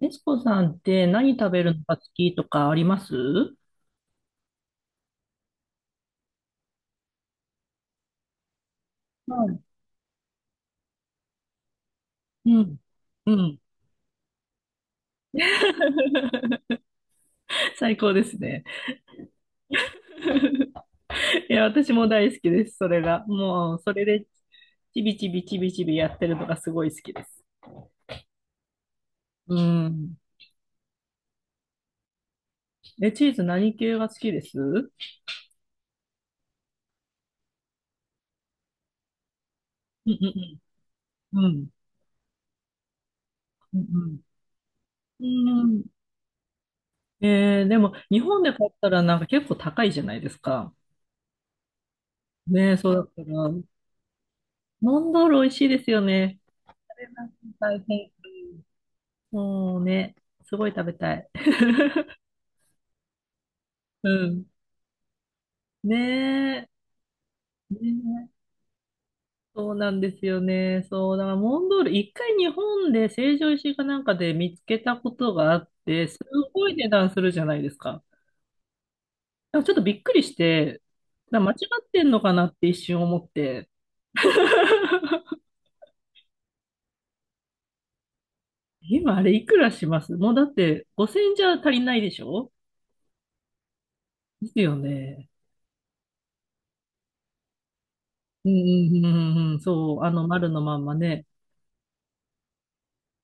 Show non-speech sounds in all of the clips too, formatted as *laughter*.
エスコさんって何食べるのが好きとかあります？はい。うん。うん。*laughs* 最高ですね。*laughs* いや、私も大好きです、それが。もう、それで、ちびちびちびちびやってるのがすごい好きです。うん。え、チーズ何系が好きです？うんうんうん。うん。うん。うん。でも、日本で買ったらなんか結構高いじゃないですか。ねえ、そうだったら、モンドール美味しいですよね。食べます。大変。もうね、すごい食べたい。*laughs* うん。ねえ。ねえ、そうなんですよね。そう、だからモンドール、一回日本で成城石井かなんかで見つけたことがあって、すごい値段するじゃないですか。だからちょっとびっくりして、だから間違ってんのかなって一瞬思って。*laughs* 今あれいくらします？もうだって5,000じゃ足りないでしょ？ですよね。うんうんうんうんうん、そう、あの丸のまんまね。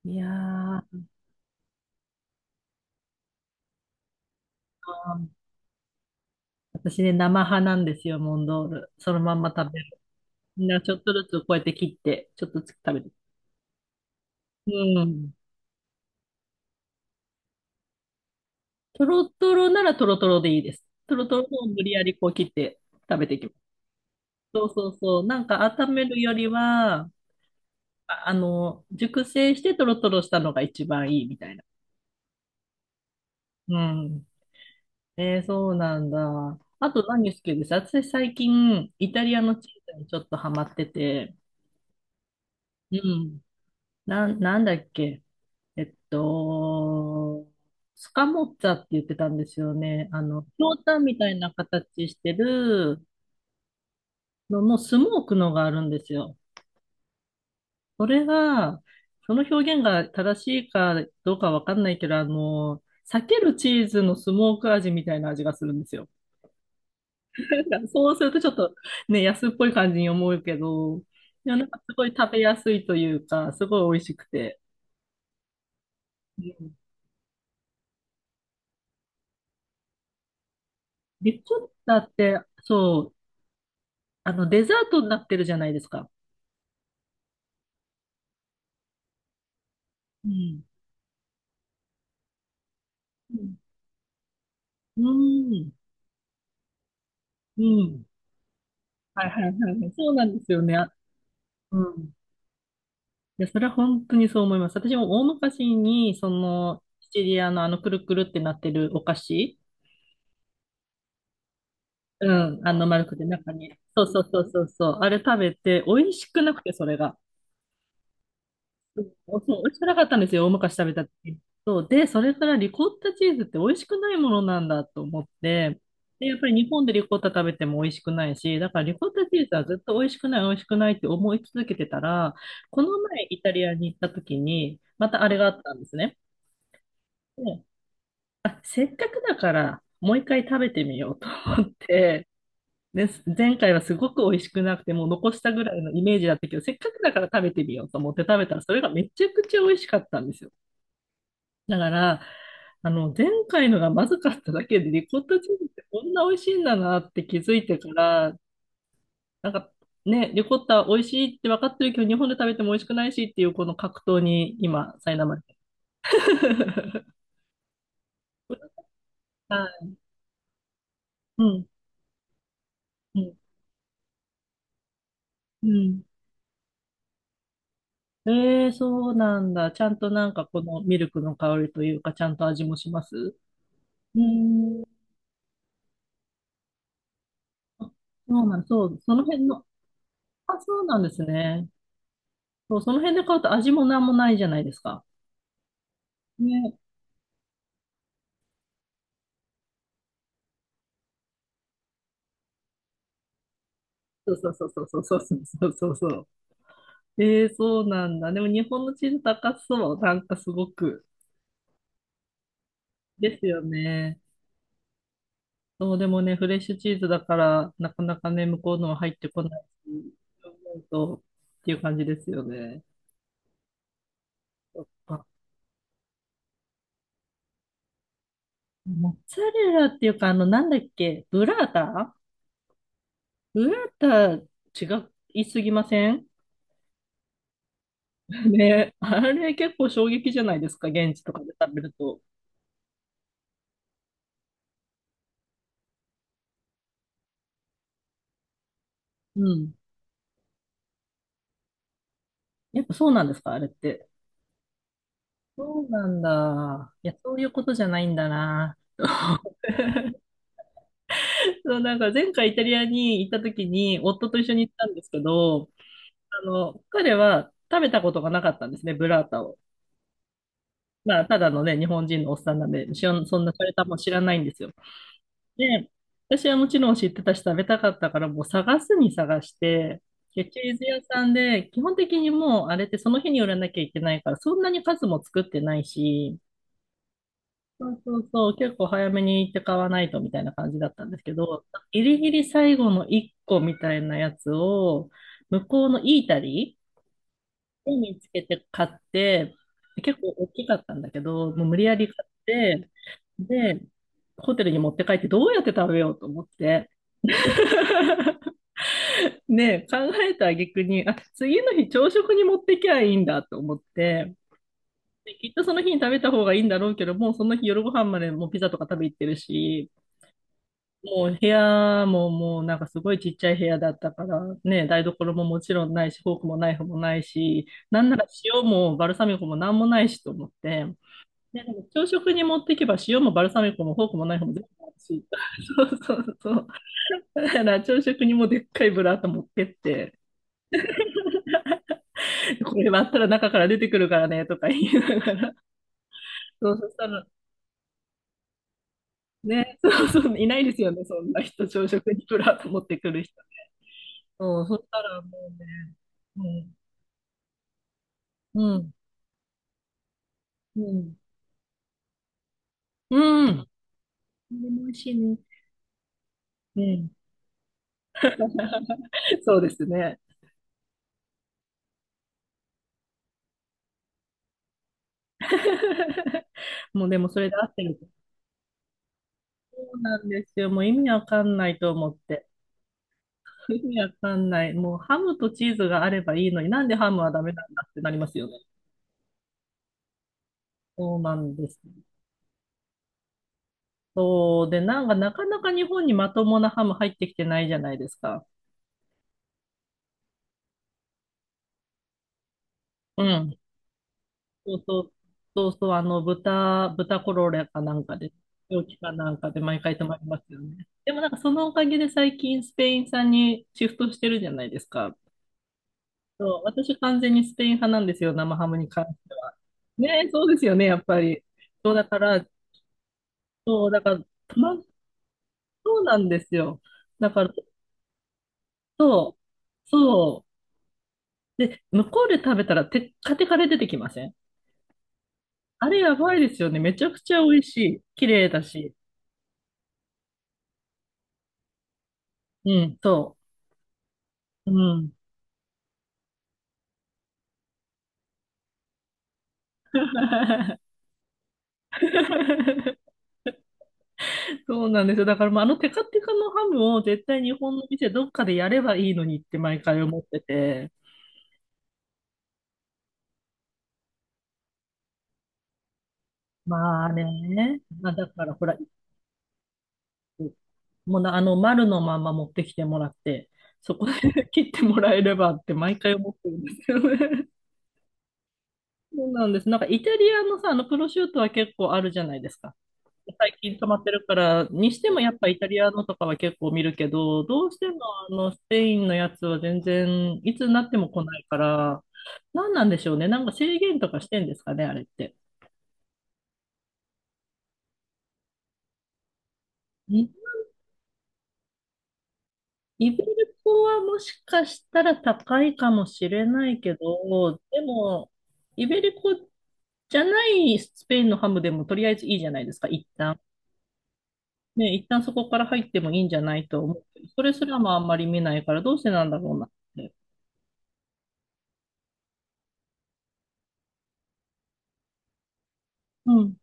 いやー、私ね、生派なんですよ、モンドール。そのまんま食べる。みんなちょっとずつこうやって切って、ちょっとずつ食べる。うん。トロトロならトロトロでいいです。トロトロを無理やりこう切って食べていきます。そうそうそう。なんか温めるよりは、あ、熟成してトロトロしたのが一番いいみたいな。うん。そうなんだ。あと何好きです？私最近、イタリアのチーズにちょっとハマってて、うん。なんだっけ。えっと、スカモッツァって言ってたんですよね。ひょうたんみたいな形してるののスモークのがあるんですよ。それが、その表現が正しいかどうかわかんないけど、避けるチーズのスモーク味みたいな味がするんですよ。*laughs* なんかそうするとちょっとね、安っぽい感じに思うけど、いや、なんかすごい食べやすいというか、すごい美味しくて。うん。リコッタって、そう、デザートになってるじゃないですか。うん。うん。うん。うん。はいはいはいはい。そうなんですよね。あ。うん。いや、それは本当にそう思います。私も大昔に、シチリアのあの、くるくるってなってるお菓子。うん。あの、丸くて中に。そうそうそうそうそう。あれ食べて、美味しくなくて、それが。そう、美味しくなかったんですよ、大昔食べた時。そう、で、それからリコッタチーズって美味しくないものなんだと思って、で、やっぱり日本でリコッタ食べても美味しくないし、だからリコッタチーズはずっと美味しくない、美味しくないって思い続けてたら、この前イタリアに行った時に、またあれがあったんですね。で、あ、せっかくだから、もう一回食べてみようと思って、で、前回はすごく美味しくなくて、もう残したぐらいのイメージだったけど、せっかくだから食べてみようと思って食べたら、それがめちゃくちゃ美味しかったんですよ。だから、前回のがまずかっただけで、リコッタチーズってこんな美味しいんだなって気づいてから、なんかね、リコッタ美味しいって分かってるけど、日本で食べても美味しくないしっていうこの格闘に今、苛まれてる。*laughs* はい。うん。うん。うん。そうなんだ。ちゃんとなんかこのミルクの香りというか、ちゃんと味もします？うーん。あ、そうなん、そう、その辺の、あ、そうなんですね。そう、その辺で買うと味もなんもないじゃないですか。ね、そうそうそうそうそうそうそうそうそう。ええ、そうなんだ。でも日本のチーズ高そう。なんかすごく。ですよね。そう、でもね、フレッシュチーズだから、なかなかね、向こうのは入ってこないし、そう思うと、っていう感じですよね。そっか。モッツァレラっていうか、なんだっけ、ブラータ。ブラータ、違いすぎません？ *laughs* ね、あれ結構衝撃じゃないですか、現地とかで食べると。うん。やっぱそうなんですか、あれって。そうなんだ。いや、そういうことじゃないんだな。*laughs* そう、なんか前回イタリアに行った時に夫と一緒に行ったんですけど、彼は食べたことがなかったんですね、ブラータを。まあ、ただのね、日本人のおっさんなんで、そんなされたもん知らないんですよ。で、私はもちろん知ってたし食べたかったから、もう探すに探して、で、チーズ屋さんで、基本的にもうあれってその日に売らなきゃいけないから、そんなに数も作ってないし、そうそうそう、結構早めに行って買わないとみたいな感じだったんですけど、ギリギリ最後の1個みたいなやつを、向こうのイータリーを見つけて買って、結構大きかったんだけど、もう無理やり買って、で、ホテルに持って帰ってどうやって食べようと思って。*laughs* ねえ、考えた挙句に、あ、次の日朝食に持ってきゃいいんだと思って、で、きっとその日に食べた方がいいんだろうけど、もうその日夜ご飯までもうピザとか食べ行ってるし、もう部屋ももうなんかすごいちっちゃい部屋だったから、ね、台所ももちろんないし、フォークもナイフもないし、なんなら塩もバルサミコもなんもないしと思って、で、でも朝食に持っていけば塩もバルサミコもフォークもナイフも全部あるし、*laughs* そうそうそう。だから朝食にもでっかいブラータ持ってって、これ割ったら中から出てくるからねとか言いながら、そう、そしたら、ね、そうそう、いないですよね、そんな人、朝食にブラータ持ってくる人。そう、そしたらもうね、もうん。うん。うん。うん。でも美味しいね。うん。*laughs* そうですね。*laughs* もうでもそれで合ってる。そうなんですよ。もう意味わかんないと思って。*laughs* 意味わかんない。もうハムとチーズがあればいいのになんでハムはダメなんだってなりますよね。そうなんです。そう。で、なんかなかなか日本にまともなハム入ってきてないじゃないですか。うん。そうそう、そうそう、豚コロレかなんかで、病気かなんかで毎回泊まりますよね。でもなんかそのおかげで最近スペイン産にシフトしてるじゃないですか。そう、私完全にスペイン派なんですよ、生ハムに関しては。ねえ、そうですよね、やっぱり。そうだから、そう、だから、たま、そうなんですよ。だから、そう、そう。で、向こうで食べたらテッカテカで出てきません？あれやばいですよね。めちゃくちゃ美味しい。綺麗だし。うん、そう。うん。 *laughs* そうなんですよ。だから、まあ、あのテカテカのハムを絶対日本の店どっかでやればいいのにって毎回思ってて。まあね。まあ、だから、ほら、もうな、あの丸のまま持ってきてもらって、そこで *laughs* 切ってもらえればって毎回思ってるんですよね。そうなんです。なんかイタリアのさ、あのプロシュートは結構あるじゃないですか。最近溜まってるから、にしてもやっぱイタリアのとかは結構見るけど、どうしてもあのスペインのやつは全然いつになっても来ないから、何なんでしょうね。なんか制限とかしてんですかね、あれって。イイベルコはもしかしたら高いかもしれないけど、でも、イベリコじゃないスペインのハムでもとりあえずいいじゃないですか、一旦。ね、一旦そこから入ってもいいんじゃないと思うけど。それすらもあんまり見ないから、どうしてなんだろうなって。うん。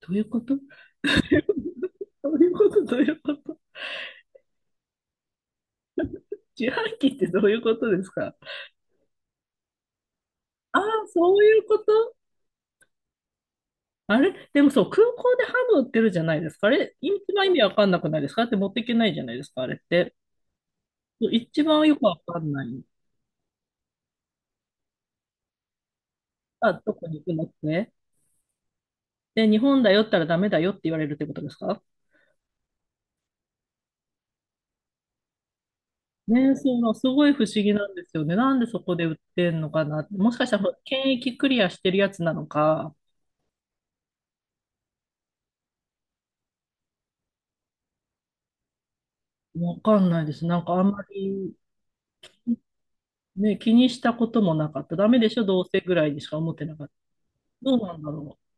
どういうこと？ *laughs* どういうこと？どういうこと？自販機ってどういうことですか？ああ、そういうこと？あれでもそう、空港でハム売ってるじゃないですか。あれ、一番意味わかんなくないですか？だって持っていけないじゃないですか、あれって。そう。一番よくわかんない。あ、どこに行くのって？で、日本だよったらダメだよって言われるってことですか？ね、そう、すごい不思議なんですよね。なんでそこで売ってんのかな。もしかしたら、検疫クリアしてるやつなのか、わかんないです。なんかあんまりね、気にしたこともなかった。ダメでしょ、どうせぐらいにしか思ってなかった。どうなんだろう。